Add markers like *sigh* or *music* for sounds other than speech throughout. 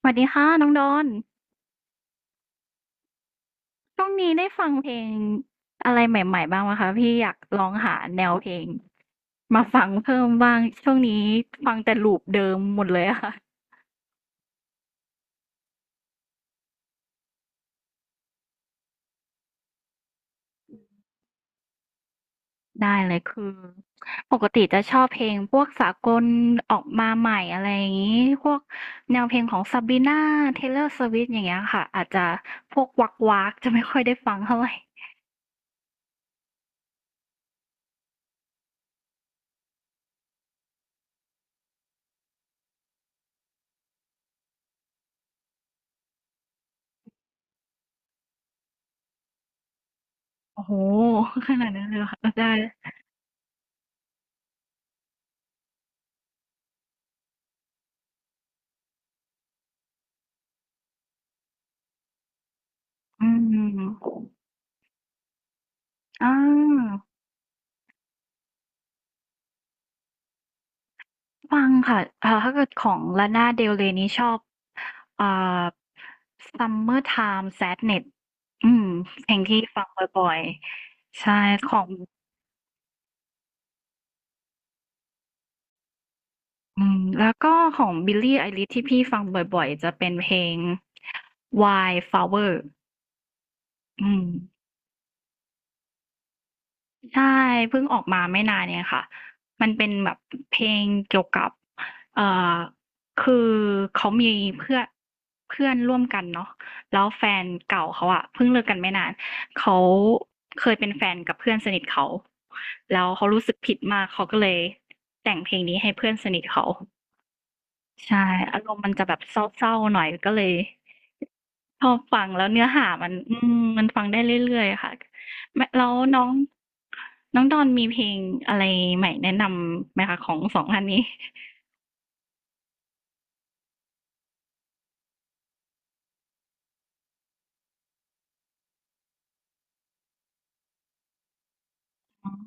สวัสดีค่ะน้องดอนช่วงนี้ได้ฟังเพลงอะไรใหม่ๆบ้างไหมคะพี่อยากลองหาแนวเพลงมาฟังเพิ่มบ้างช่วงนี้ฟังแต่ลูปเดิมหมดเลยอะค่ะได้เลยคือปกติจะชอบเพลงพวกสากลออกมาใหม่อะไรอย่างนี้พวกแนวเพลงของซาบีน่าเทเลอร์สวิฟต์อย่างเงี้ยค่ะอาจจะพวกวักวักจะไม่ค่อยได้ฟังเท่าไหร่โอ้โหขนาดนั้นเลยเหรอค่ะได้อืมอ่า ฟังค่ะถ้าเกิดของลาน่าเดลเรย์นี่ชอบอ่า Summertime Sadness อืมเพลงที่ฟังบ่อยๆ ใช่ของอืมแล้วก็ของ Billie Eilish ที่พี่ฟังบ่อยๆ จะเป็นเพลง Wildflower อืม ใช่เพิ่งออกมาไม่นานเนี่ยค่ะมันเป็นแบบเพลงเกี่ยวกับเอ่อคือเขามีเพื่อนเพื่อนร่วมกันเนาะแล้วแฟนเก่าเขาอะเพิ่งเลิกกันไม่นานเขาเคยเป็นแฟนกับเพื่อนสนิทเขาแล้วเขารู้สึกผิดมากเขาก็เลยแต่งเพลงนี้ให้เพื่อนสนิทเขาใช่อารมณ์มันจะแบบเศร้าๆหน่อยก็เลย พอฟังแล้วเนื้อหามันอืมมันฟังได้เรื่อยๆค่ะแมแล้วน้องน้องดอนมีเพลงอะไรใหม่แนะนำไหมคะของสองท่านนี้ออ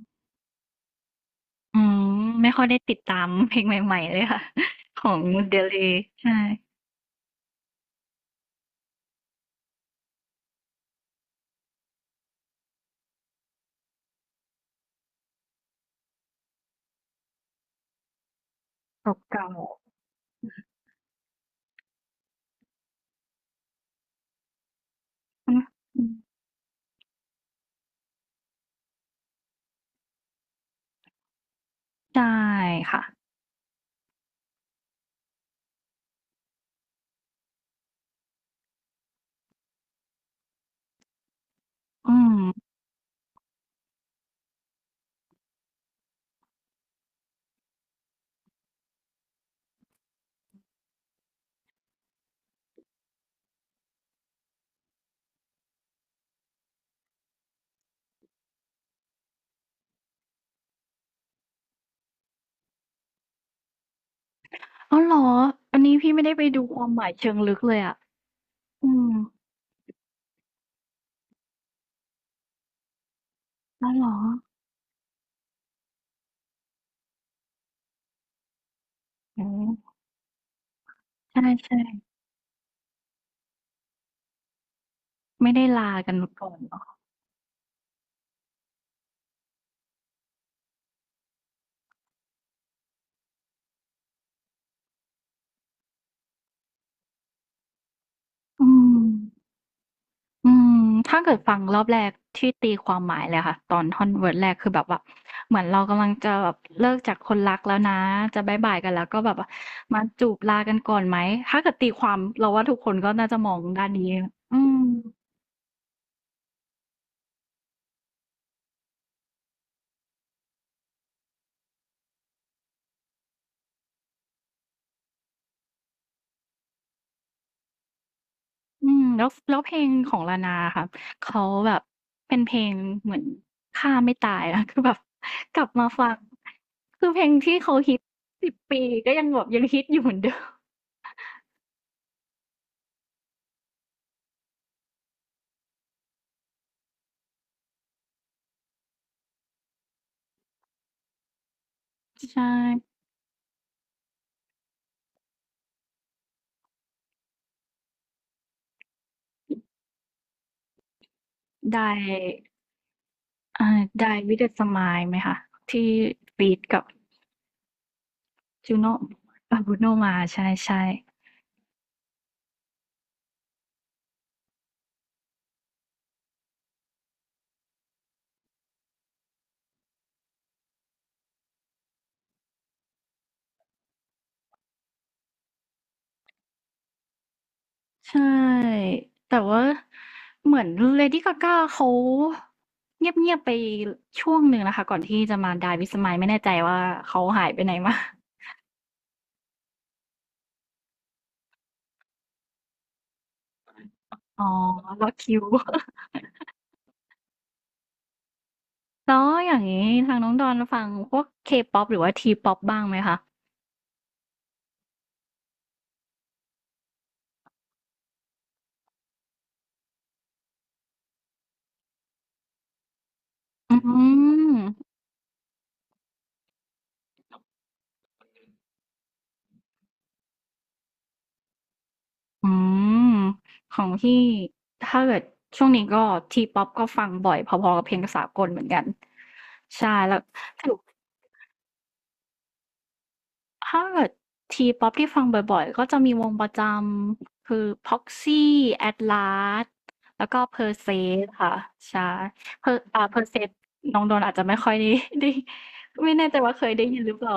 อืมไม่ค่อยได้ติดตามเพลงใหม่ๆเลยค่ะของเดล y ใช่เก่าๆอืออืมใช่ค่ะอืมอาวเหรออันนี้พี่ไม่ได้ไปดูความหมายเชิงลึกเลยอ่ะอืมอาวเหรออ๋อใช่ใช่ไม่ได้ลากันมาก่อนเนาะอืม อืมถ้าเกิดฟังรอบแรกที่ตีความหมายเลยค่ะตอนท่อนเวิร์ดแรกคือแบบว่าเหมือนเรากำลังจะแบบเลิกจากคนรักแล้วนะจะบ๊ายบายกันแล้วก็แบบว่ามาจูบลากันก่อนไหมถ้าเกิดตีความเราว่าทุกคนก็น่าจะมองด้านนี้อืมอืมแล้วเพลงของลานาอะค่ะเขาแบบเป็นเพลงเหมือนฆ่าไม่ตายอะคือแบบกลับมาฟังคือเพลงที่เขาฮิต10 ปีก็ยังแบบยังฮิตอยู่เหมือนเดิมใช่ได้ อ่า Die with a Smile ไหมคะที่ฟีตกับจ u โน่Bruno Mars ใช่ๆใช่แต่ว่าเหมือน Lady Gaga เขาเงียบๆไปช่วงหนึ่งนะคะก่อนที่จะมา Die with a Smile ไม่แน่ใจว่าเขาหายไปไหนมาอ๋อล็อกคิว *laughs* แล้วอย่างงี้ทางน้องดอนฟังพวก K-pop หรือว่า T-pop บ้างไหมคะอืม อืมของพี่ถ้าเกิดช่วงนี้ก็ทีป๊อปก็ฟังบ่อยพอๆกับเพลงสากลเหมือนกันใช่แล้วถอถ้าเกิดทีป๊อปที่ฟังบ่อยๆก็จะมีวงประจำคือ p ซ o x y Atlas แล้วก็ p e r s e สค่ะใช่ per อเพอร์ s e สน้องโดนอาจจะไม่ค่อยได้ *laughs* ได้ไม่แน่ใจว่าเคยได้ยินหรือเปล่า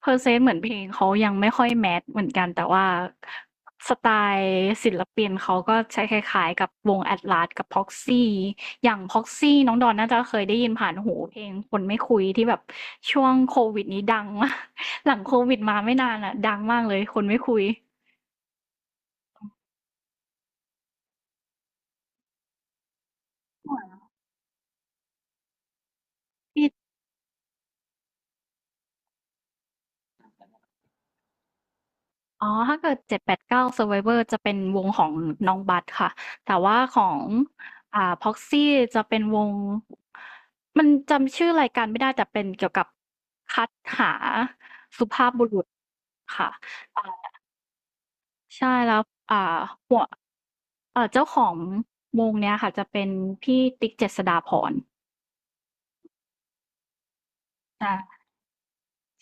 เพอร์เซนต์เหมือนเพลงเขายังไม่ค่อยแมสเหมือนกันแต่ว่าสไตล์ศิลปินเขาก็ใช้คล้ายๆกับวง Atlas กับ Proxy อย่าง Proxy น้องดอนน่าจะเคยได้ยินผ่านหูเพลงคนไม่คุยที่แบบช่วงโควิดนี้ดังมาก *laughs* หลังโควิดมาไม่นานอะดังมากเลยคนไม่คุยที่ อ๋อถ้าเกิด789 Survivor จะเป็นวงของน้องบัสค่ะ แต่ว่าของProxy จะเป็นวงมันจำชื่อรายการไม่ได้แต่เป็นเกี่ยวกับคัดหาสุภาพบุรุษค่ะอ่าใช่แล้วอ่าหัวเจ้าของวงเนี้ยค่ะจะเป็นพี่ติ๊กเจษฎาภรณ์อา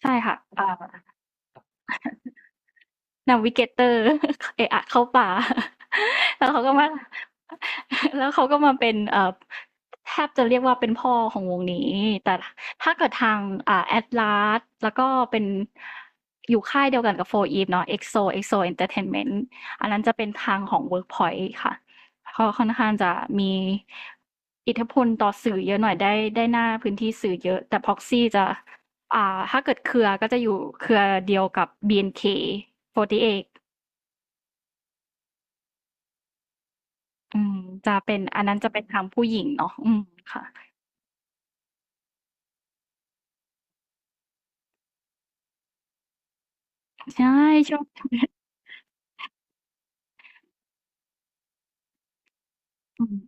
ใช่ค่ะอ่า นาวิ *laughs* เกเตอร์ *laughs* เอะอะเข้าป่า *laughs* แล้วเขาก็มา *laughs* แล้วเขาก็มาเป็นแทบจะเรียกว่าเป็นพ่อของวงนี้แต่ถ้าเกิดทางแอตลาสแล้วก็เป็นอยู่ค่ายเดียวกันกับโฟอีฟเนาะเอ็กโซเอ็กโซเอนเตอร์เทนเมนต์อันนั้นจะเป็นทางของเวิร์กพอยต์ค่ะเขาค่อนข้างจะมีอิทธิพลต่อสื่อเยอะหน่อยได้ได้หน้าพื้นที่สื่อเยอะแต่พ็อกซี่จะ อ่าถ้าเกิดเครือก็จะอยู่เครือเดียวกับ BNK48 อนเค48อืมจะเป็นอันนั้นจะเป็นทางผู้หญิงเนาะอืมค่ะใช่ช่วงอืม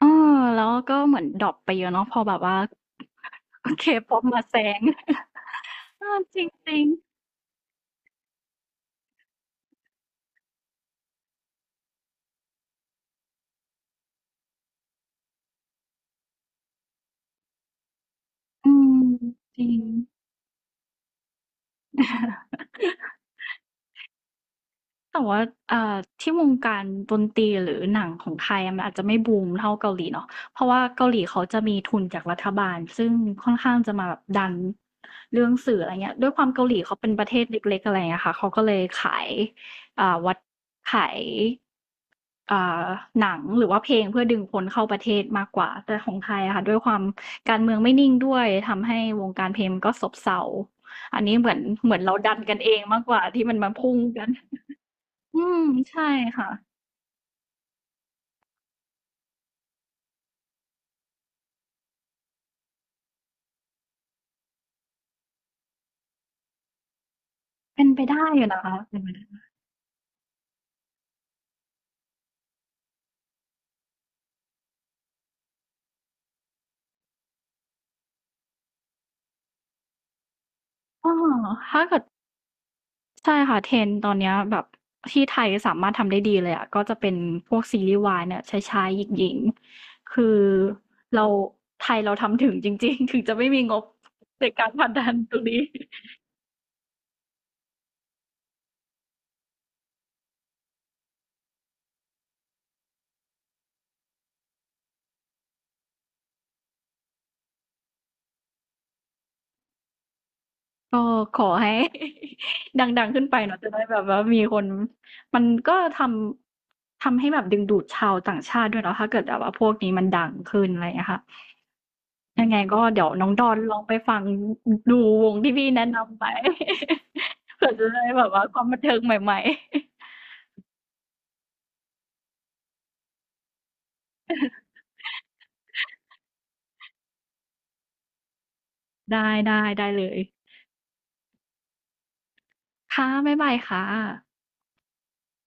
เออแล้วก็เหมือนดรอปไปเยอะเนาะพอแบบว่า K-pop มาแซง *laughs* เออจริงๆอืมจริง แต่ว่าอ่าที่วงการดนตรีหรือหนังของไทยอะมันอาจจะไม่บูมเท่าเกาหลีเนาะเพราะว่าเกาหลีเขาจะมีทุนจากรัฐบาลซึ่งค่อนข้างจะมาแบบดันเรื่องสื่ออะไรเงี้ยด้วยความเกาหลีเขาเป็นประเทศเล็กๆอะไรเงี้ยค่ะเขาก็เลยขายอ่าวัดขายอ่าหนังหรือว่าเพลงเพื่อดึงคนเข้าประเทศมากกว่าแต่ของไทยอะค่ะด้วยความการเมืองไม่นิ่งด้วยทำให้วงการเพลงมันก็ซบเซาอันนี้เหมือนเราดันกันเองมากกว่าที่มันมาพุ่งกัน อืมใช่ค่ะเป็นไปได้อยู่นะคะเป็นไปได้อ้อถ้าเกิดใช่ค่ะ trend ตอนเนี้ยแบบที่ไทยสามารถทำได้ดีเลยอะก็จะเป็นพวกซีรีส์วายเนี่ยชายๆหญิงๆคือเราไทยเราทำถึงจริงๆ *laughs* ถึงจะไม่มีงบในการผลักดันตรงนี้ *laughs* ก็ขอให้ *laughs* ดังๆขึ้นไปเนาะจะได้แบบว่ามีคนมันก็ทำทำให้แบบดึงดูดชาวต่างชาติด้วยเนาะถ้าเกิดแบบว่าพวกนี้มันดังขึ้นอะไรอย่างเงี้ยค่ะ ยังไงก็เดี๋ยวน้องดอนลองไปฟังดูวงที่พี่แนะนำไป *laughs* เผื่อจะได้แบบว่าความบันเทิงใหม่ๆได้ได้ได้เลยค่ะบ๊ายบายค่ะ